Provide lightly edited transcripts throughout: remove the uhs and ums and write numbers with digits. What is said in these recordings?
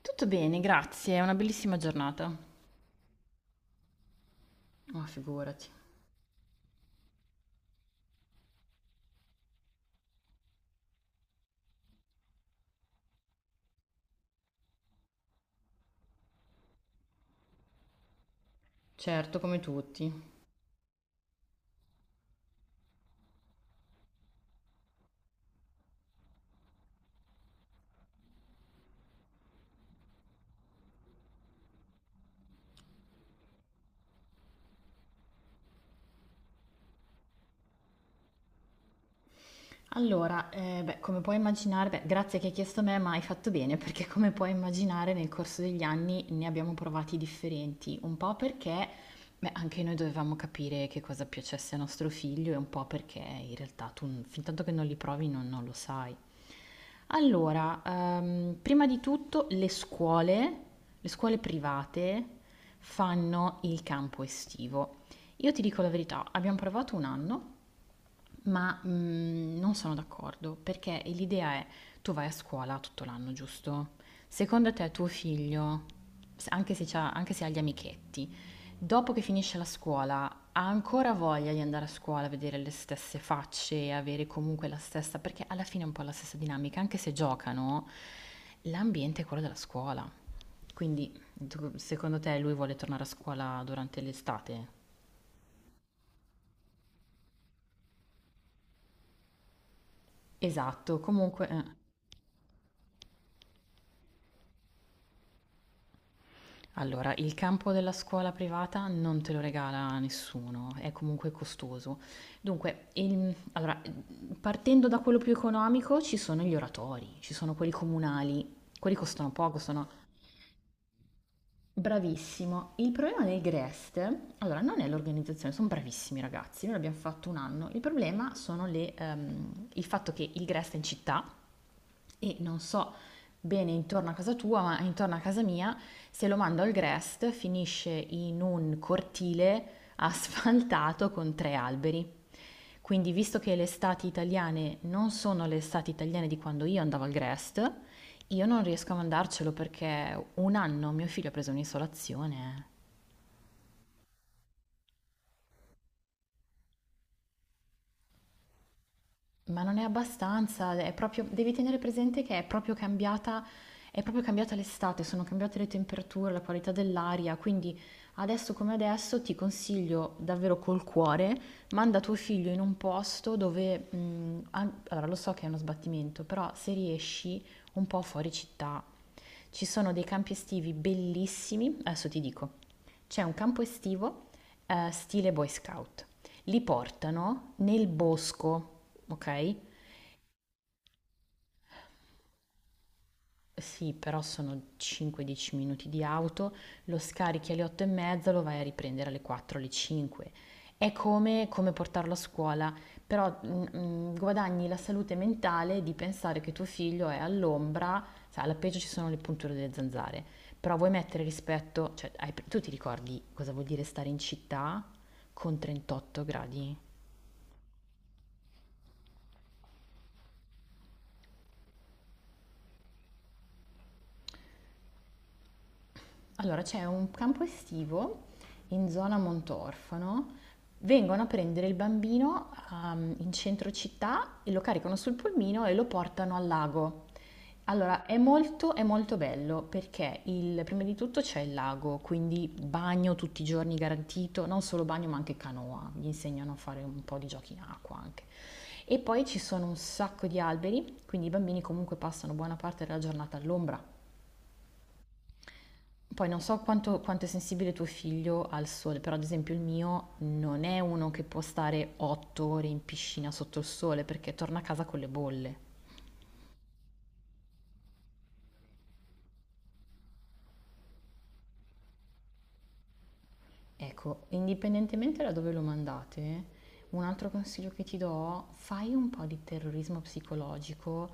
Tutto bene, grazie, è una bellissima giornata. Ma figurati. Certo, come tutti. Allora, beh, come puoi immaginare beh, grazie che hai chiesto a me, ma hai fatto bene, perché come puoi immaginare nel corso degli anni ne abbiamo provati differenti, un po' perché, beh, anche noi dovevamo capire che cosa piacesse a nostro figlio e un po' perché in realtà fin tanto che non li provi non lo sai. Allora, prima di tutto le scuole private fanno il campo estivo. Io ti dico la verità, abbiamo provato un anno. Ma non sono d'accordo, perché l'idea è tu vai a scuola tutto l'anno, giusto? Secondo te tuo figlio, anche se, anche se ha gli amichetti, dopo che finisce la scuola ha ancora voglia di andare a scuola, vedere le stesse facce e avere comunque la stessa, perché alla fine è un po' la stessa dinamica, anche se giocano, l'ambiente è quello della scuola. Quindi, secondo te lui vuole tornare a scuola durante l'estate? Esatto, comunque eh. Allora, il campo della scuola privata non te lo regala nessuno, è comunque costoso. Dunque, allora, partendo da quello più economico, ci sono gli oratori, ci sono quelli comunali, quelli costano poco, sono bravissimo. Il problema del Grest, allora, non è l'organizzazione, sono bravissimi i ragazzi, noi l'abbiamo fatto un anno. Il problema sono il fatto che il Grest è in città e non so bene intorno a casa tua, ma intorno a casa mia, se lo mando al Grest finisce in un cortile asfaltato con 3 alberi. Quindi, visto che le estati italiane non sono le estati italiane di quando io andavo al Grest, io non riesco a mandarcelo perché un anno mio figlio ha preso un'isolazione. Ma non è abbastanza, è proprio, devi tenere presente che è proprio cambiata l'estate, sono cambiate le temperature, la qualità dell'aria, quindi adesso come adesso ti consiglio davvero col cuore, manda tuo figlio in un posto dove, allora lo so che è uno sbattimento, però se riesci un po' fuori città, ci sono dei campi estivi bellissimi, adesso ti dico, c'è un campo estivo stile Boy Scout. Li portano nel bosco, ok? Sì, però sono 5-10 minuti di auto, lo scarichi alle 8 e mezza, lo vai a riprendere alle 4, alle 5. È come, come portarlo a scuola, però guadagni la salute mentale di pensare che tuo figlio è all'ombra, sai, alla peggio ci sono le punture delle zanzare, però vuoi mettere rispetto, cioè, tu ti ricordi cosa vuol dire stare in città con 38 gradi? Allora, c'è un campo estivo in zona Montorfano. Vengono a prendere il bambino in centro città e lo caricano sul pulmino e lo portano al lago. Allora, è molto bello perché prima di tutto c'è il lago, quindi bagno tutti i giorni garantito, non solo bagno ma anche canoa, gli insegnano a fare un po' di giochi in acqua anche. E poi ci sono un sacco di alberi, quindi i bambini comunque passano buona parte della giornata all'ombra. Poi non so quanto, quanto è sensibile tuo figlio al sole, però ad esempio il mio non è uno che può stare 8 ore in piscina sotto il sole perché torna a casa con le bolle. Ecco, indipendentemente da dove lo mandate, un altro consiglio che ti do, fai un po' di terrorismo psicologico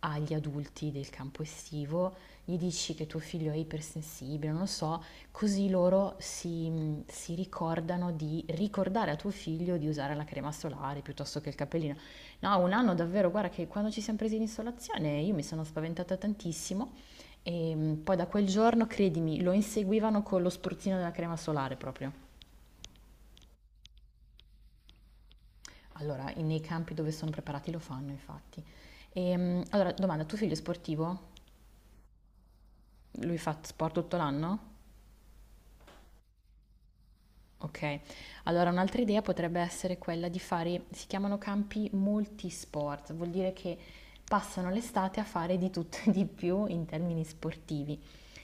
agli adulti del campo estivo, gli dici che tuo figlio è ipersensibile, non lo so, così loro si ricordano di ricordare a tuo figlio di usare la crema solare piuttosto che il cappellino. No, un anno davvero, guarda che quando ci siamo presi in isolazione io mi sono spaventata tantissimo e poi da quel giorno, credimi, lo inseguivano con lo spruzzino della crema solare proprio. Allora, nei campi dove sono preparati lo fanno, infatti. Allora, domanda, tuo figlio è sportivo? Lui fa sport tutto l'anno? Ok. Allora, un'altra idea potrebbe essere quella di fare, si chiamano campi multisport, vuol dire che passano l'estate a fare di tutto e di più in termini sportivi.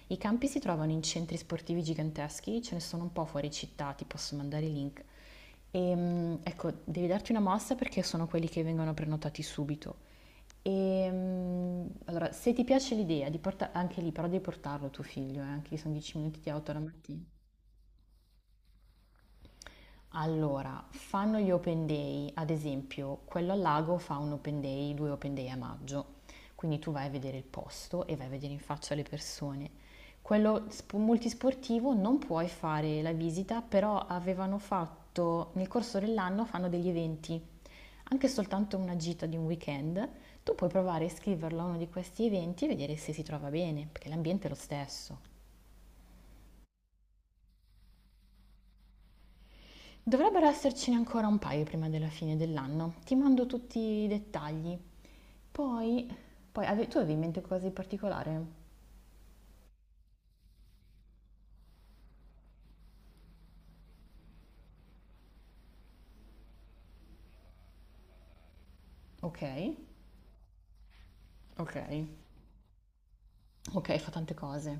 I campi si trovano in centri sportivi giganteschi, ce ne sono un po' fuori città, ti posso mandare i link. Ecco, devi darti una mossa perché sono quelli che vengono prenotati subito. Allora, se ti piace l'idea di portare anche lì, però devi portarlo tuo figlio, anche lì sono 10 minuti di auto la mattina. Allora, fanno gli open day, ad esempio, quello al lago fa un open day, due open day a maggio, quindi tu vai a vedere il posto e vai a vedere in faccia le persone. Multisportivo non puoi fare la visita, però avevano fatto, nel corso dell'anno fanno degli eventi, anche soltanto una gita di un weekend, tu puoi provare a iscriverlo a uno di questi eventi e vedere se si trova bene, perché l'ambiente è lo stesso. Dovrebbero essercene ancora un paio prima della fine dell'anno. Ti mando tutti i dettagli. Poi, tu avevi in mente qualcosa di particolare? Ok, ok, ok, fa tante cose.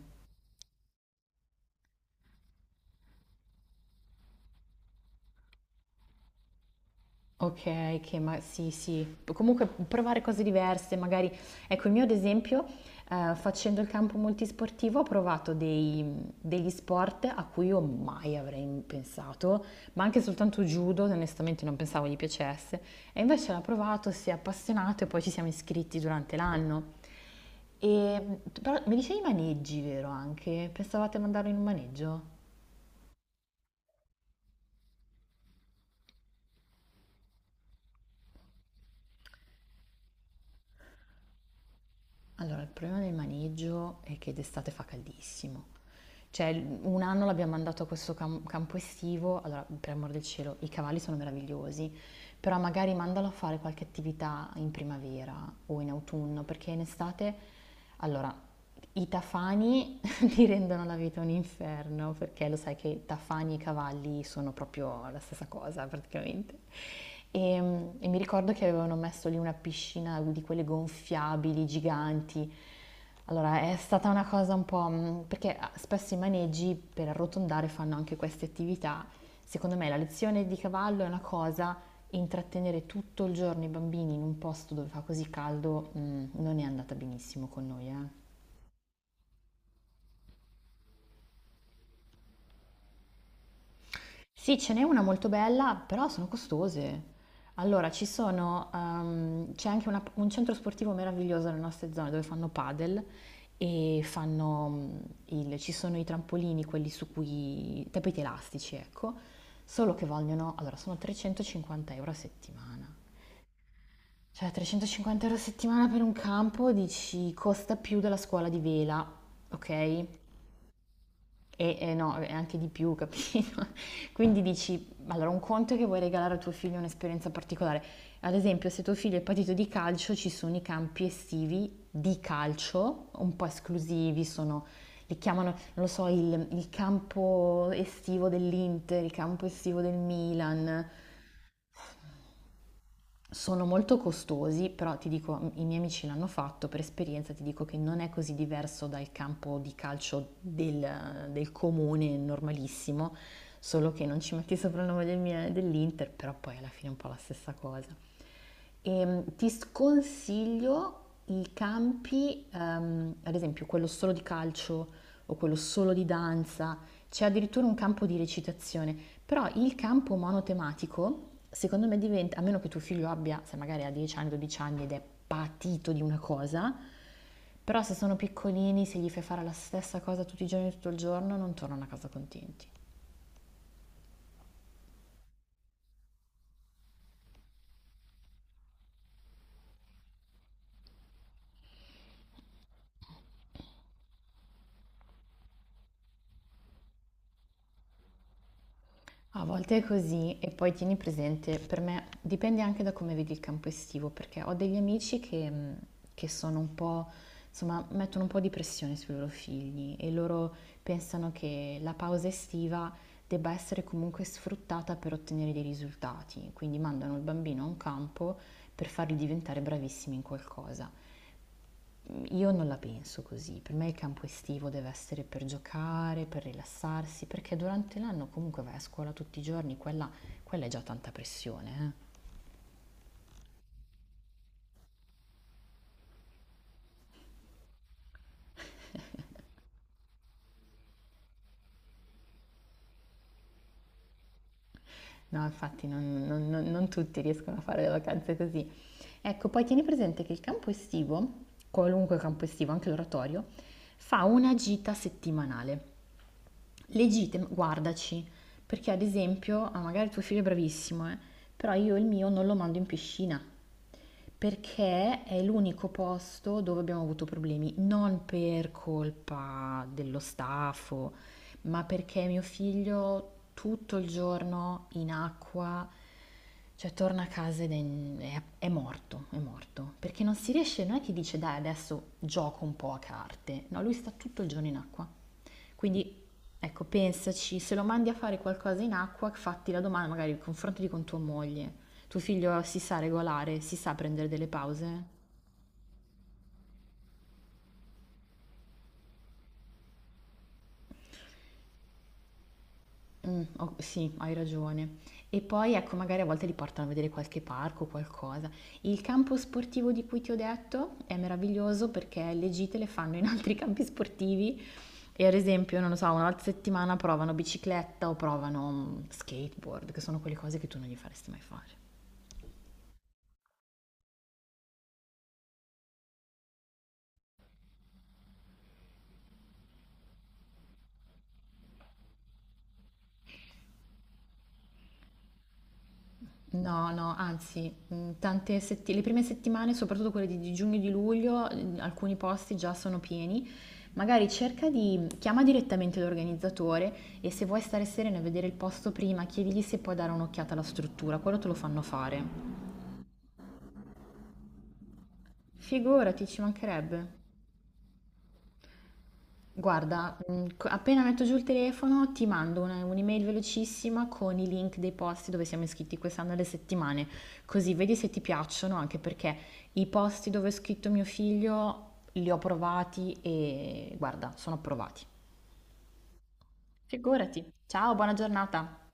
Ok, che ma sì, sì. Comunque provare cose diverse, magari. Ecco, il mio ad esempio, facendo il campo multisportivo, ho provato degli sport a cui io mai avrei pensato, ma anche soltanto judo, onestamente non pensavo gli piacesse. E invece l'ho provato, si è appassionato e poi ci siamo iscritti durante l'anno. E però mi dicevi maneggi, vero anche? Pensavate a mandarlo in un maneggio? Allora, il problema del maneggio è che d'estate fa caldissimo. Cioè, un anno l'abbiamo mandato a questo campo estivo, allora, per amor del cielo, i cavalli sono meravigliosi, però magari mandalo a fare qualche attività in primavera o in autunno, perché in estate, allora, i tafani ti rendono la vita un inferno, perché lo sai che tafani e cavalli sono proprio la stessa cosa praticamente. E, e mi ricordo che avevano messo lì una piscina di quelle gonfiabili, giganti. Allora, è stata una cosa un po' perché spesso i maneggi per arrotondare fanno anche queste attività. Secondo me la lezione di cavallo è una cosa, intrattenere tutto il giorno i bambini in un posto dove fa così caldo, non è andata benissimo con noi, eh. Sì, ce n'è una molto bella, però sono costose. Allora, c'è anche un centro sportivo meraviglioso nelle nostre zone dove fanno padel e fanno ci sono i trampolini, quelli su cui, i tappeti elastici, ecco, solo che vogliono, allora, sono 350 euro a settimana. Cioè, 350 euro a settimana per un campo, dici, costa più della scuola di vela, ok? E no, è anche di più, capito? Quindi dici, allora un conto è che vuoi regalare a tuo figlio un'esperienza particolare. Ad esempio, se tuo figlio è patito di calcio, ci sono i campi estivi di calcio, un po' esclusivi, sono, li chiamano, non lo so, il campo estivo dell'Inter, il campo estivo del Milan, sono molto costosi, però ti dico, i miei amici l'hanno fatto, per esperienza ti dico che non è così diverso dal campo di calcio del comune normalissimo, solo che non ci metti sopra il nome dell'Inter, però poi alla fine è un po' la stessa cosa. Ti sconsiglio ad esempio quello solo di calcio o quello solo di danza, c'è addirittura un campo di recitazione, però il campo monotematico, secondo me diventa, a meno che tuo figlio abbia, se magari ha 10 anni, 12 anni ed è patito di una cosa, però se sono piccolini, se gli fai fare la stessa cosa tutti i giorni, tutto il giorno, non tornano a casa contenti. A volte è così e poi tieni presente, per me dipende anche da come vedi il campo estivo, perché ho degli amici che sono un po', insomma, mettono un po' di pressione sui loro figli e loro pensano che la pausa estiva debba essere comunque sfruttata per ottenere dei risultati, quindi mandano il bambino a un campo per farli diventare bravissimi in qualcosa. Io non la penso così, per me il campo estivo deve essere per giocare, per rilassarsi, perché durante l'anno comunque vai a scuola tutti i giorni, quella è già tanta pressione, eh. No, infatti non tutti riescono a fare le vacanze così. Ecco, poi tieni presente che il campo estivo, qualunque campo estivo, anche l'oratorio, fa una gita settimanale. Legittima, guardaci, perché ad esempio, ah, magari tuo figlio è bravissimo, però io il mio non lo mando in piscina, perché è l'unico posto dove abbiamo avuto problemi, non per colpa dello staff, ma perché mio figlio tutto il giorno in acqua cioè torna a casa ed è morto, è morto. Perché non si riesce, non è che dice dai adesso gioco un po' a carte. No, lui sta tutto il giorno in acqua. Quindi ecco, pensaci, se lo mandi a fare qualcosa in acqua, fatti la domanda, magari confrontati con tua moglie. Tuo figlio si sa regolare, si sa prendere delle pause? O sì, hai ragione. E poi, ecco, magari a volte li portano a vedere qualche parco o qualcosa. Il campo sportivo di cui ti ho detto è meraviglioso perché le gite le fanno in altri campi sportivi e ad esempio, non lo so, una volta a settimana provano bicicletta o provano, skateboard, che sono quelle cose che tu non gli faresti mai fare. No, no, anzi, le prime settimane, soprattutto quelle di giugno e di luglio, alcuni posti già sono pieni. Magari cerca di chiama direttamente l'organizzatore e se vuoi stare serena e vedere il posto prima, chiedigli se puoi dare un'occhiata alla struttura, quello te lo fanno fare. Figurati, ci mancherebbe. Guarda, appena metto giù il telefono ti mando un'email velocissima con i link dei posti dove siamo iscritti quest'anno alle settimane, così vedi se ti piacciono, anche perché i posti dove è scritto mio figlio li ho provati e guarda, sono approvati. Figurati. Ciao, buona giornata.